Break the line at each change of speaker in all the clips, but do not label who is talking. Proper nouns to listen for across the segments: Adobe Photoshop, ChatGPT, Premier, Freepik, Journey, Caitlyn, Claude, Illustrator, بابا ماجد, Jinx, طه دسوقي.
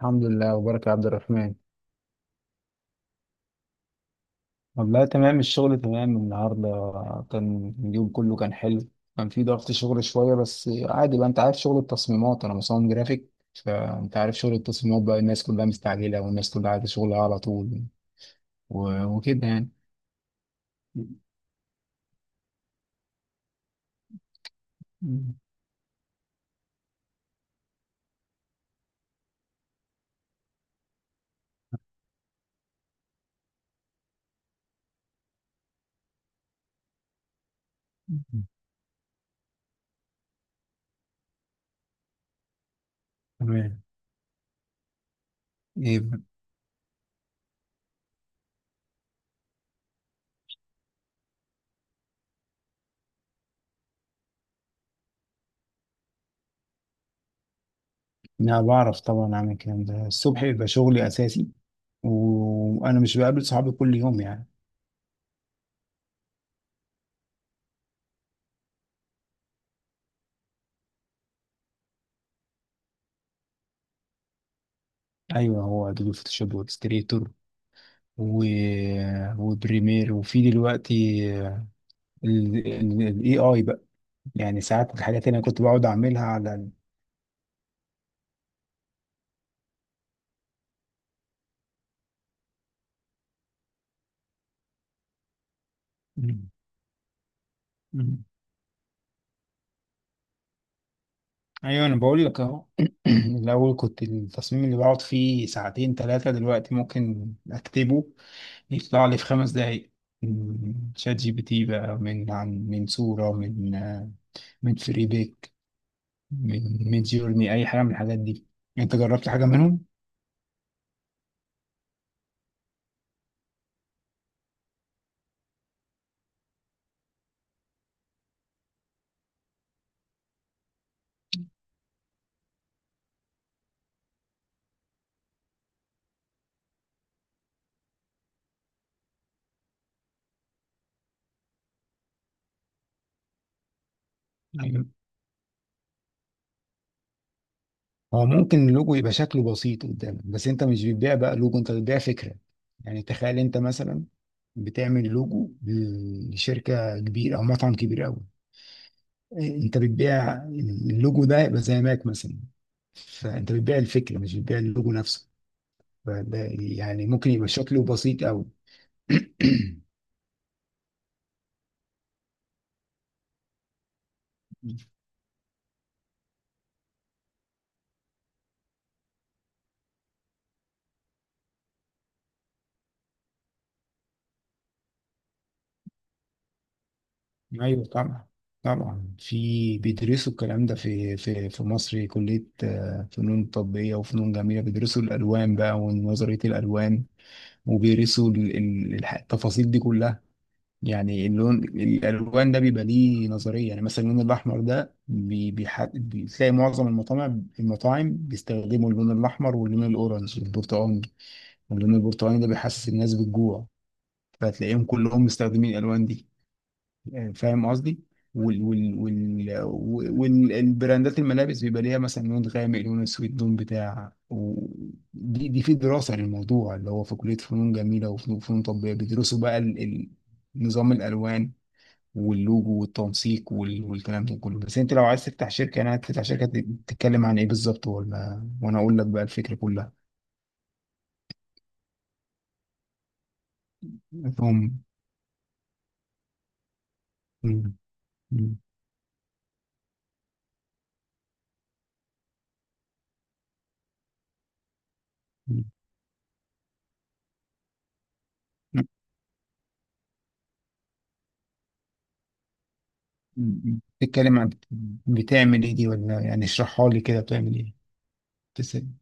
الحمد لله وبارك يا عبد الرحمن. والله تمام، الشغل تمام النهارده. كان اليوم كله كان حلو. كان في ضغط شغل شوية، بس عادي بقى، انت عارف شغل التصميمات، انا مصمم جرافيك. فانت عارف شغل التصميمات بقى، الناس كلها مستعجلة، والناس كلها عايزة شغلها على طول. وكده يعني. تمام. ايه بقى؟ انا بعرف طبعا اعمل الكلام ده، الصبح بيبقى شغلي اساسي، وانا مش بقابل صحابي كل يوم يعني. ايوه، هو ادوبي فوتوشوب واكستريتور و... وبريمير، وفي دلوقتي الاي اي بقى. يعني ساعات الحاجات اللي انا كنت بقعد اعملها على. مم. مم. ايوه، انا بقول لك اهو. الاول كنت التصميم اللي بقعد فيه ساعتين ثلاثه، دلوقتي ممكن اكتبه يطلع لي في 5 دقايق. مم. شات جي بي تي بقى، من عن من صوره، من فريبيك، من جيرني، اي حاجه من الحاجات دي. انت جربت حاجه منهم؟ هو ممكن اللوجو يبقى شكله بسيط قدامك، بس انت مش بتبيع بقى لوجو، انت بتبيع فكرة. يعني تخيل انت مثلا بتعمل لوجو لشركة كبيرة او مطعم كبير قوي. انت بتبيع اللوجو ده، يبقى زي ماك مثلا. فانت بتبيع الفكرة، مش بتبيع اللوجو نفسه. فده يعني ممكن يبقى شكله بسيط قوي. ايوه طبعا. طبعا في بيدرسوا الكلام ده في مصر، كليه فنون تطبيقيه وفنون جميله. بيدرسوا الالوان بقى ونظريه الالوان، وبيدرسوا التفاصيل دي كلها. يعني اللون، الالوان ده بيبقى ليه نظريه. يعني مثلا اللون الاحمر ده بتلاقي معظم المطاعم بيستخدموا اللون الاحمر واللون الاورنج والبرتقاني. واللون البرتقاني ده بيحسس الناس بالجوع، فتلاقيهم كلهم مستخدمين الالوان دي. فاهم قصدي. وال والبراندات، الملابس بيبقى ليها مثلا لون غامق، لون اسود، لون بتاع. دي في دراسة للموضوع، اللي هو في كلية فنون جميلة وفنون تطبيقية، بيدرسوا بقى نظام الألوان واللوجو والتنسيق والكلام ده كله. بس انت لو عايز تفتح شركة، انا هتفتح شركة تتكلم عن ايه بالظبط؟ ولا وانا اقول لك بقى الفكرة كلها؟ هم. هم-. هم-. هم-. هم-. تتكلم عن، بتعمل ايه دي؟ ولا يعني اشرحها لي كده، بتعمل ايه؟ تسلم.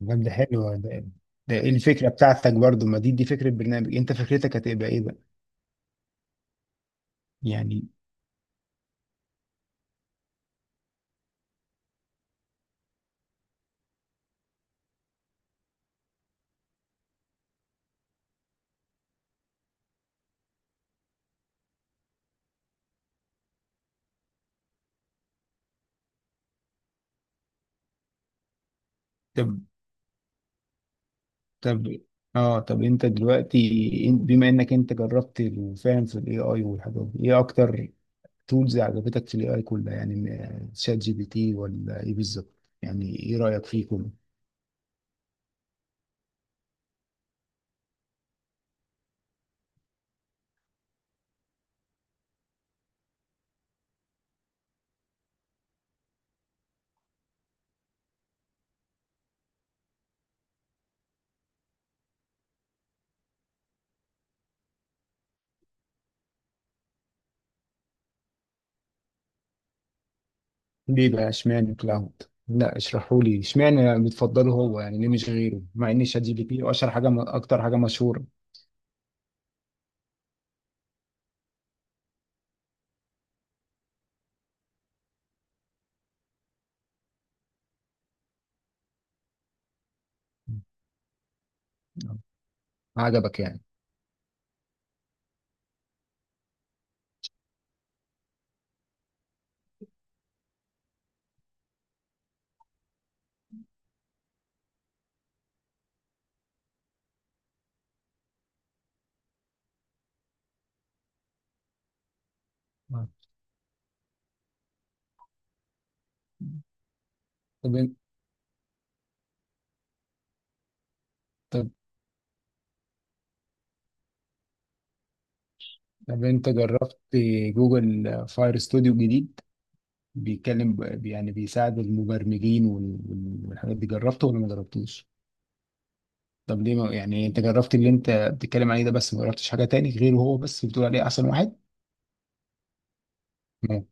طب ده حلو ده. ده ايه الفكرة بتاعتك برضو؟ ما دي فكرة برنامج. انت فكرتك هتبقى ايه بقى؟ يعني. طب. طب اه طب انت دلوقتي، بما انك انت جربت وفاهم في الاي اي والحاجات دي، ايه اكتر تولز عجبتك في الاي اي كلها يعني؟ شات جي بي تي ولا ايه بالظبط؟ يعني ايه رأيك فيه كله؟ ليه بقى اشمعنى كلاود؟ لا، اشرحوا لي اشمعنى بتفضله هو يعني، ليه مش غيره مع ان شات جي بي تي اشهر حاجة، اكتر حاجة مشهورة؟ آه. عجبك يعني؟ آه. طب طب طب انت جربت جوجل فاير ستوديو جديد؟ بيتكلم يعني بيساعد المبرمجين والحاجات دي، جربته ولا ما جربتوش؟ طب ليه؟ ما يعني انت جربت اللي انت بتتكلم عليه ده بس، ما جربتش حاجة تاني غيره، هو بس بتقول عليه احسن واحد؟ مم.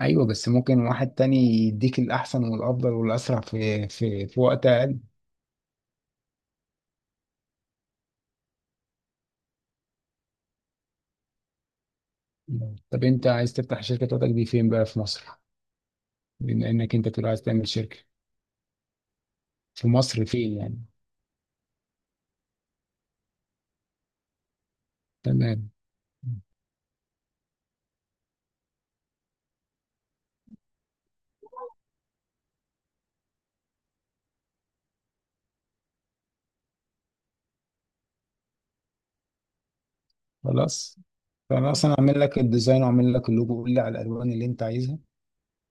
ايوه، بس ممكن واحد تاني يديك الاحسن والافضل والاسرع في وقت اقل. مم. طب انت عايز تفتح شركة بتاعتك دي فين بقى، في مصر؟ بما انك انت بتقول عايز تعمل شركة، في مصر فين يعني؟ تمام. خلاص، فانا اصلا اعمل لك الديزاين واعمل لك اللوجو. قول لي على الالوان اللي انت عايزها،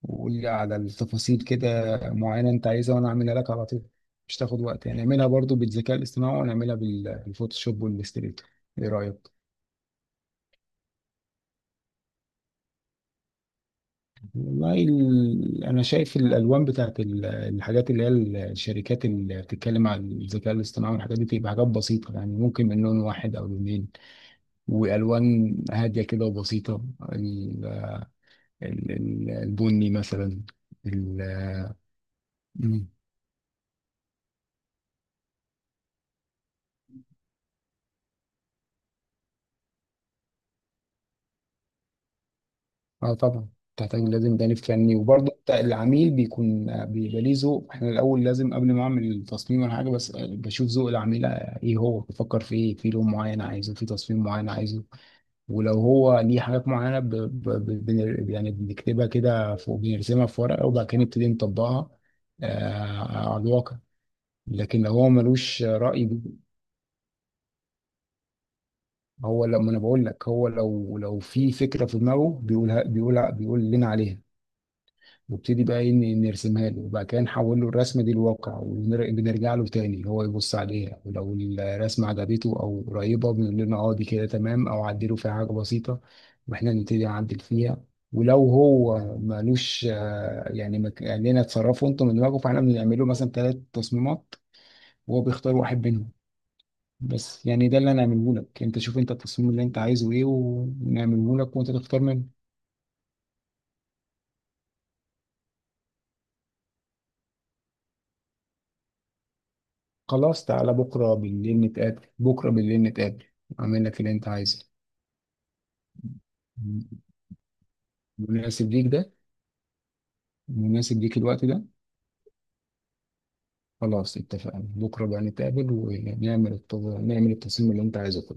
وقول لي على التفاصيل كده معينه انت عايزها، وانا اعملها لك على طول. مش تاخد وقت يعني، نعملها برضو بالذكاء الاصطناعي، ونعملها بالفوتوشوب والاستريتور. ايه رايك؟ والله، انا شايف الالوان بتاعت الحاجات اللي هي الشركات اللي بتتكلم عن الذكاء الاصطناعي والحاجات دي، تبقى حاجات بسيطه يعني، ممكن من لون واحد او لونين. والوان هاديه كده وبسيطه، ال- البني مثلا. مم. اه طبعا. تحتاج، لازم جانب فني، وبرضه العميل بيكون، بيبقى ليه ذوق. احنا الاول، لازم قبل ما اعمل التصميم ولا حاجه، بس بشوف ذوق العميل، ايه هو بيفكر في ايه، في لون معين عايزه، في تصميم معين عايزه. ولو هو ليه حاجات معينه يعني، بنكتبها كده فوق، بنرسمها في ورقه، وبعد كده نبتدي نطبقها على الواقع. لكن لو هو ملوش رأي. هو لما انا بقول لك، هو لو في فكره في دماغه بيقولها، بيقولها بيقول لنا عليها، نبتدي بقى إيه، نرسمها له، وبعد كده نحول له الرسمه دي لواقع، وبنرجع له تاني هو يبص عليها. ولو الرسمه عجبته او قريبه، بنقول لنا اه دي كده تمام، او عدلوا فيها حاجه بسيطه واحنا نبتدي نعدل فيها. ولو هو مالوش يعني ما قال لنا اتصرفوا انتوا من دماغكم، فاحنا بنعمل له مثلا ثلاث تصميمات، وهو بيختار واحد منهم. بس يعني ده اللي انا هعمله لك، انت شوف انت التصميم اللي انت عايزه ايه، ونعمله لك وانت تختار منه. خلاص، تعالى بكرة بالليل نتقابل، بكرة بالليل نتقابل. أعمل لك اللي أنت عايزه. م- مناسب ليك ده؟ مناسب ليك الوقت ده؟ خلاص اتفقنا، بكرة بقى نتقابل ونعمل نعمل التصميم اللي أنت عايزه.